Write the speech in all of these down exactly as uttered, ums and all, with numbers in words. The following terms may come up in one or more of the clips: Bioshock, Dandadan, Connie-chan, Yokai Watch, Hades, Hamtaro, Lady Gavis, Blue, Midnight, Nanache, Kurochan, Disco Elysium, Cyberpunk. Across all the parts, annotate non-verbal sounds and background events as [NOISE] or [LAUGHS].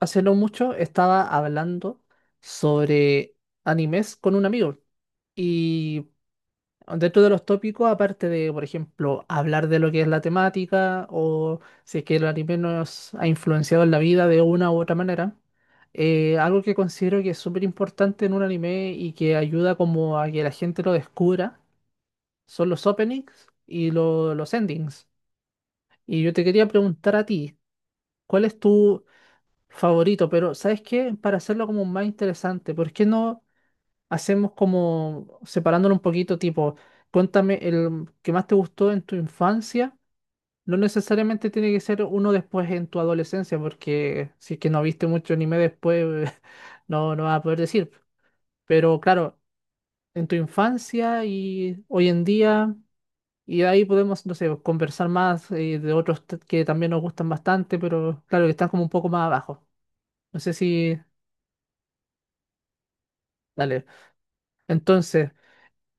Hace no mucho estaba hablando sobre animes con un amigo y dentro de los tópicos, aparte de, por ejemplo, hablar de lo que es la temática o si es que el anime nos ha influenciado en la vida de una u otra manera, eh, algo que considero que es súper importante en un anime y que ayuda como a que la gente lo descubra son los openings y lo- los endings. Y yo te quería preguntar a ti, ¿cuál es tu favorito? Pero ¿sabes qué? Para hacerlo como más interesante, ¿por qué no hacemos como separándolo un poquito, tipo, cuéntame el que más te gustó en tu infancia? No necesariamente tiene que ser uno después en tu adolescencia, porque si es que no viste mucho anime después, [LAUGHS] no, no vas a poder decir. Pero claro, en tu infancia y hoy en día, y ahí podemos, no sé, conversar más eh, de otros t- que también nos gustan bastante, pero claro, que están como un poco más abajo. No sé si... Dale. Entonces,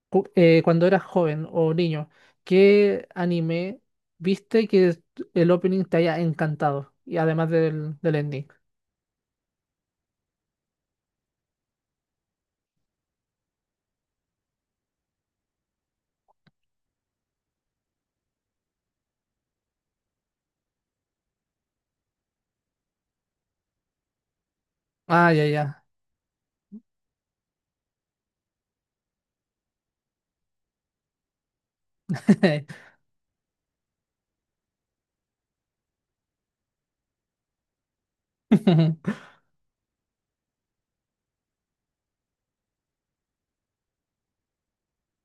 cu- eh, cuando eras joven o niño, ¿qué anime viste que el opening te haya encantado? Y además del, del ending. Ah, ya, ya. [LAUGHS]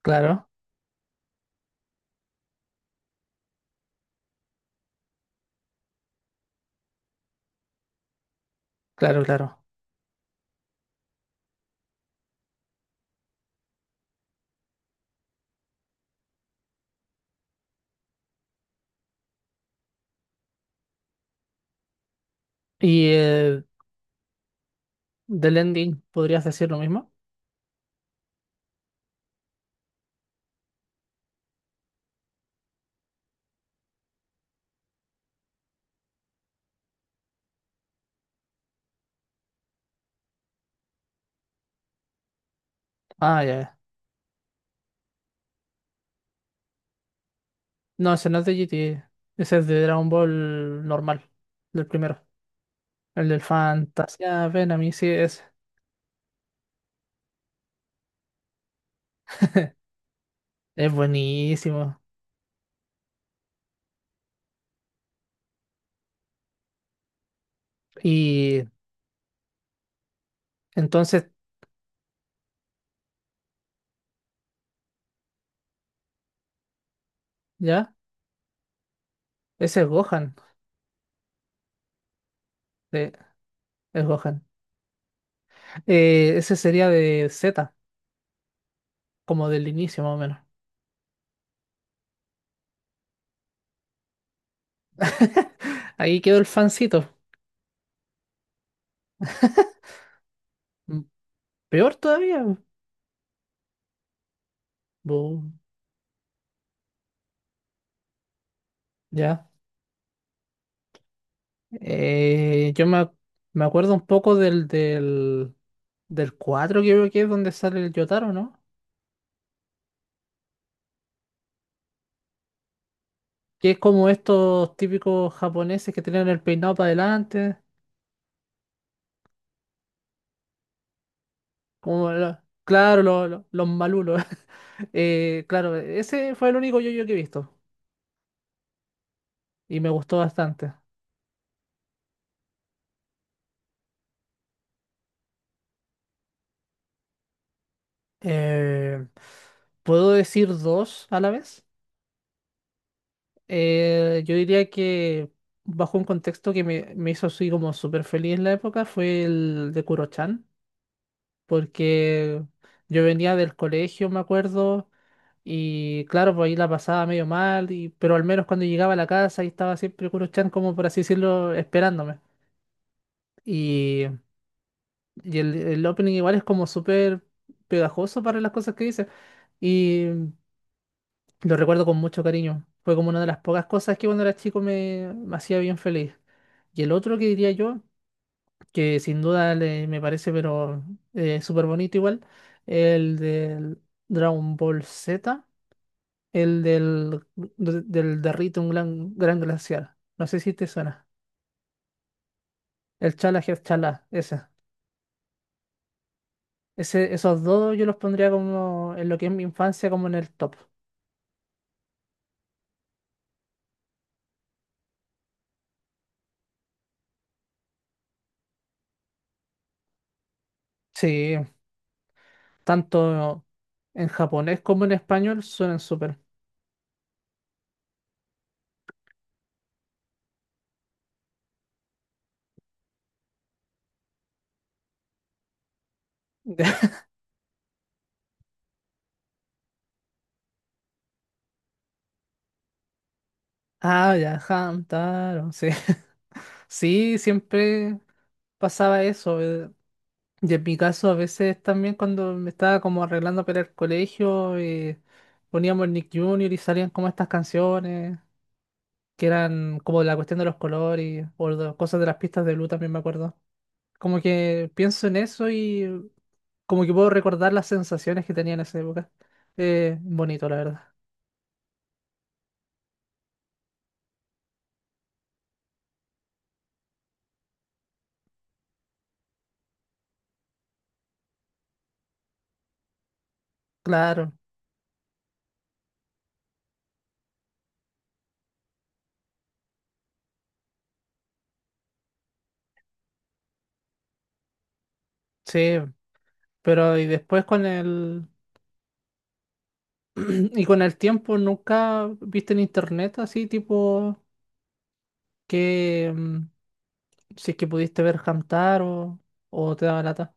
Claro, claro, claro. ¿Y eh, del ending podrías decir lo mismo? Ah, ya, ya. No, ese no es de G GT. Ese es de Dragon Ball normal, del primero. El del Fantasía, ven a mí, sí, es, es buenísimo. Y entonces, ¿ya? Ese es Gohan. El Gohan. Eh, ese sería de Z, como del inicio más o menos. [LAUGHS] Ahí quedó el fancito. [LAUGHS] Mm, peor todavía. Bu, ya. Eh, yo me, ac- Me acuerdo un poco del, del, del cuatro, creo que es donde sale el Yotaro, ¿no? Que es como estos típicos japoneses que tenían el peinado para adelante. Como, la- claro, lo- lo- los malulos. [LAUGHS] Eh, claro, ese fue el único yo-yo que he visto. Y me gustó bastante. Eh, ¿puedo decir dos a la vez? Eh, yo diría que bajo un contexto que me, me hizo así como súper feliz en la época fue el de Kurochan, porque yo venía del colegio, me acuerdo, y claro, pues ahí la pasaba medio mal, y, pero al menos cuando llegaba a la casa ahí estaba siempre Kurochan como por así decirlo, esperándome. Y, y el, el opening igual es como súper pegajoso para las cosas que dice. Y lo recuerdo con mucho cariño. Fue como una de las pocas cosas que cuando era chico me, me hacía bien feliz. Y el otro que diría yo, que sin duda le- me parece, pero eh, súper bonito igual, el del Dragon Ball Z, el del, de- del Derrite un gran, gran glaciar. No sé si te suena. El Chala Head Chala, ese. Ese, esos dos yo los pondría como en lo que es mi infancia, como en el top. Sí, tanto en japonés como en español suenan súper. Ah, ya, Hamtaro, sí. [LAUGHS] Sí, siempre pasaba eso. eh, Y en mi caso, a veces también cuando me estaba como arreglando para el colegio, eh, poníamos el Nick Junior y salían como estas canciones, que eran como la cuestión de los colores, o de- cosas de las pistas de blue también me acuerdo. Como que pienso en eso y como que puedo recordar las sensaciones que tenía en esa época. Eh, bonito, la verdad. Claro, sí. Pero y después con el [CLEARS THROAT] y con el tiempo nunca viste en internet así, tipo, que mm, si es que pudiste ver cantar o, o te daba lata.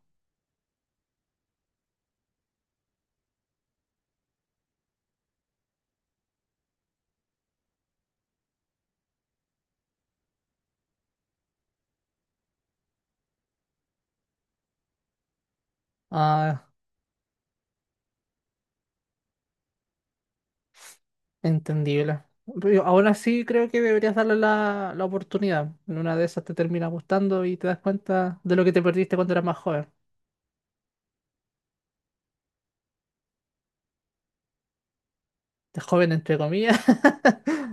Ah, entendible. Pero aún así creo que deberías darle la, la oportunidad. En una de esas te termina gustando y te das cuenta de lo que te perdiste cuando eras más joven. De joven, entre comillas, [LAUGHS]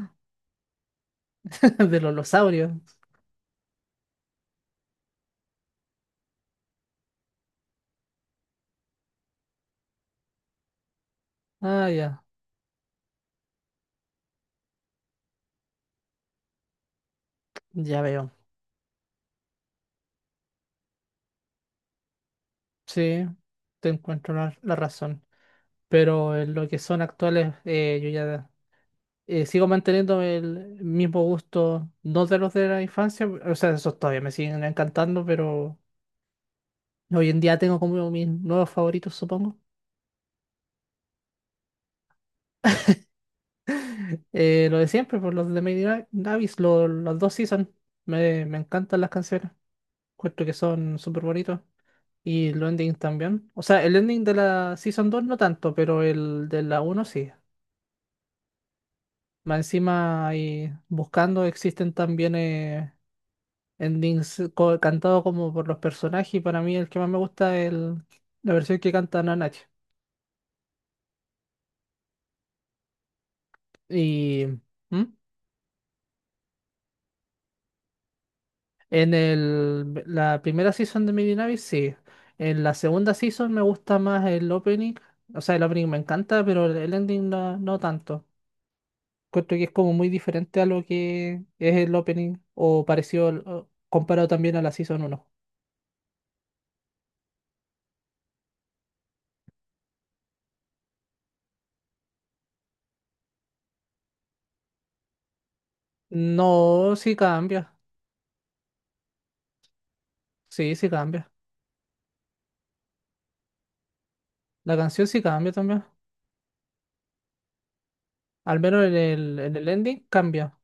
de los losaurios. Ah, ya, ya veo. Sí, te encuentro la, la razón. Pero en lo que son actuales, eh, yo ya eh, sigo manteniendo el mismo gusto, no de los de la infancia, o sea, esos todavía me siguen encantando, pero hoy en día tengo como mis nuevos favoritos, supongo. Eh, lo de siempre, por los de Lady Ga- Gavis, lo- los dos season, me, me encantan las canciones, puesto que son súper bonitos. Y los endings también. O sea, el ending de la Season dos no tanto, pero el de la uno sí. Más encima, ahí buscando, existen también eh, endings co- cantado como por los personajes y para mí el que más me gusta es el- la versión que canta Nanache. Y ¿Mm? En el, la primera season de Midnight sí. En la segunda season me gusta más el opening. O sea, el opening me encanta, pero el el ending no, no tanto. Creo que es como muy diferente a lo que es el opening o parecido al- o comparado también a la season uno. No, sí cambia. Sí, sí cambia. La canción sí cambia también. Al menos en el, en el ending cambia.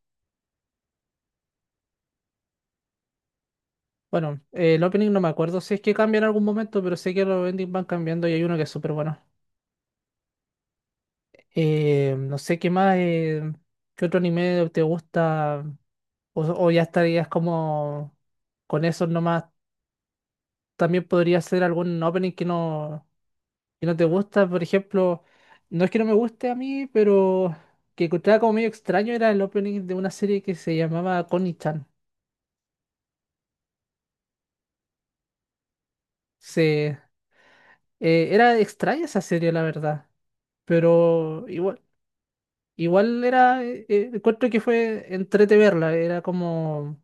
Bueno, eh, el opening no me acuerdo si es que cambia en algún momento, pero sé que los endings van cambiando y hay uno que es súper bueno. Eh, no sé qué más, eh, qué otro anime te gusta o, o ya estarías como con eso nomás. También podría ser algún opening que no, que no te gusta. Por ejemplo, no es que no me guste a mí, pero que encontraba como medio extraño era el opening de una serie que se llamaba Connie-chan. Se, eh, era extraña esa serie, la verdad. Pero igual, igual era, eh, eh, encuentro que fue entrete verla, era como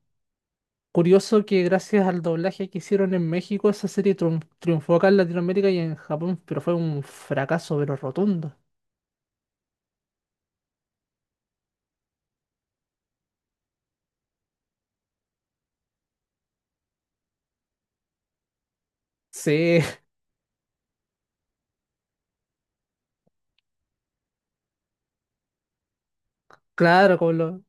curioso que gracias al doblaje que hicieron en México, esa serie triun- triunfó acá en Latinoamérica y en Japón, pero fue un fracaso, pero rotundo. Sí, [LAUGHS] claro, como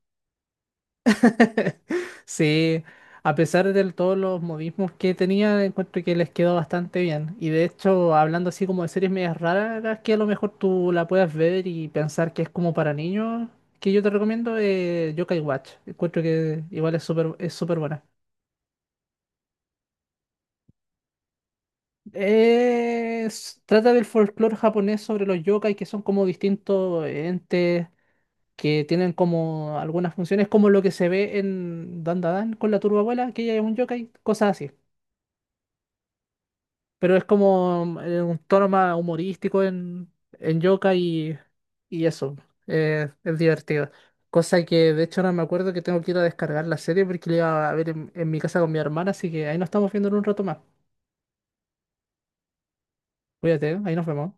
[LAUGHS] sí, a pesar de todos los modismos que tenía, encuentro que les quedó bastante bien. Y de hecho, hablando así como de series medias raras, que a lo mejor tú la puedas ver y pensar que es como para niños, que yo te recomiendo eh, Yokai Watch. Encuentro que igual es súper es súper buena. Es- trata del folclore japonés sobre los yokai, que son como distintos entes que tienen como algunas funciones, como lo que se ve en Dandadan con la turbabuela, que ella es un yokai, cosas así. Pero es como eh, un tono más humorístico en, en Yoka y, y eso, eh, es divertido. Cosa que de hecho ahora me acuerdo que tengo que ir a descargar la serie porque la iba a ver en, en mi casa con mi hermana, así que ahí nos estamos viendo en un rato más. Cuídate, ¿eh? Ahí nos vemos.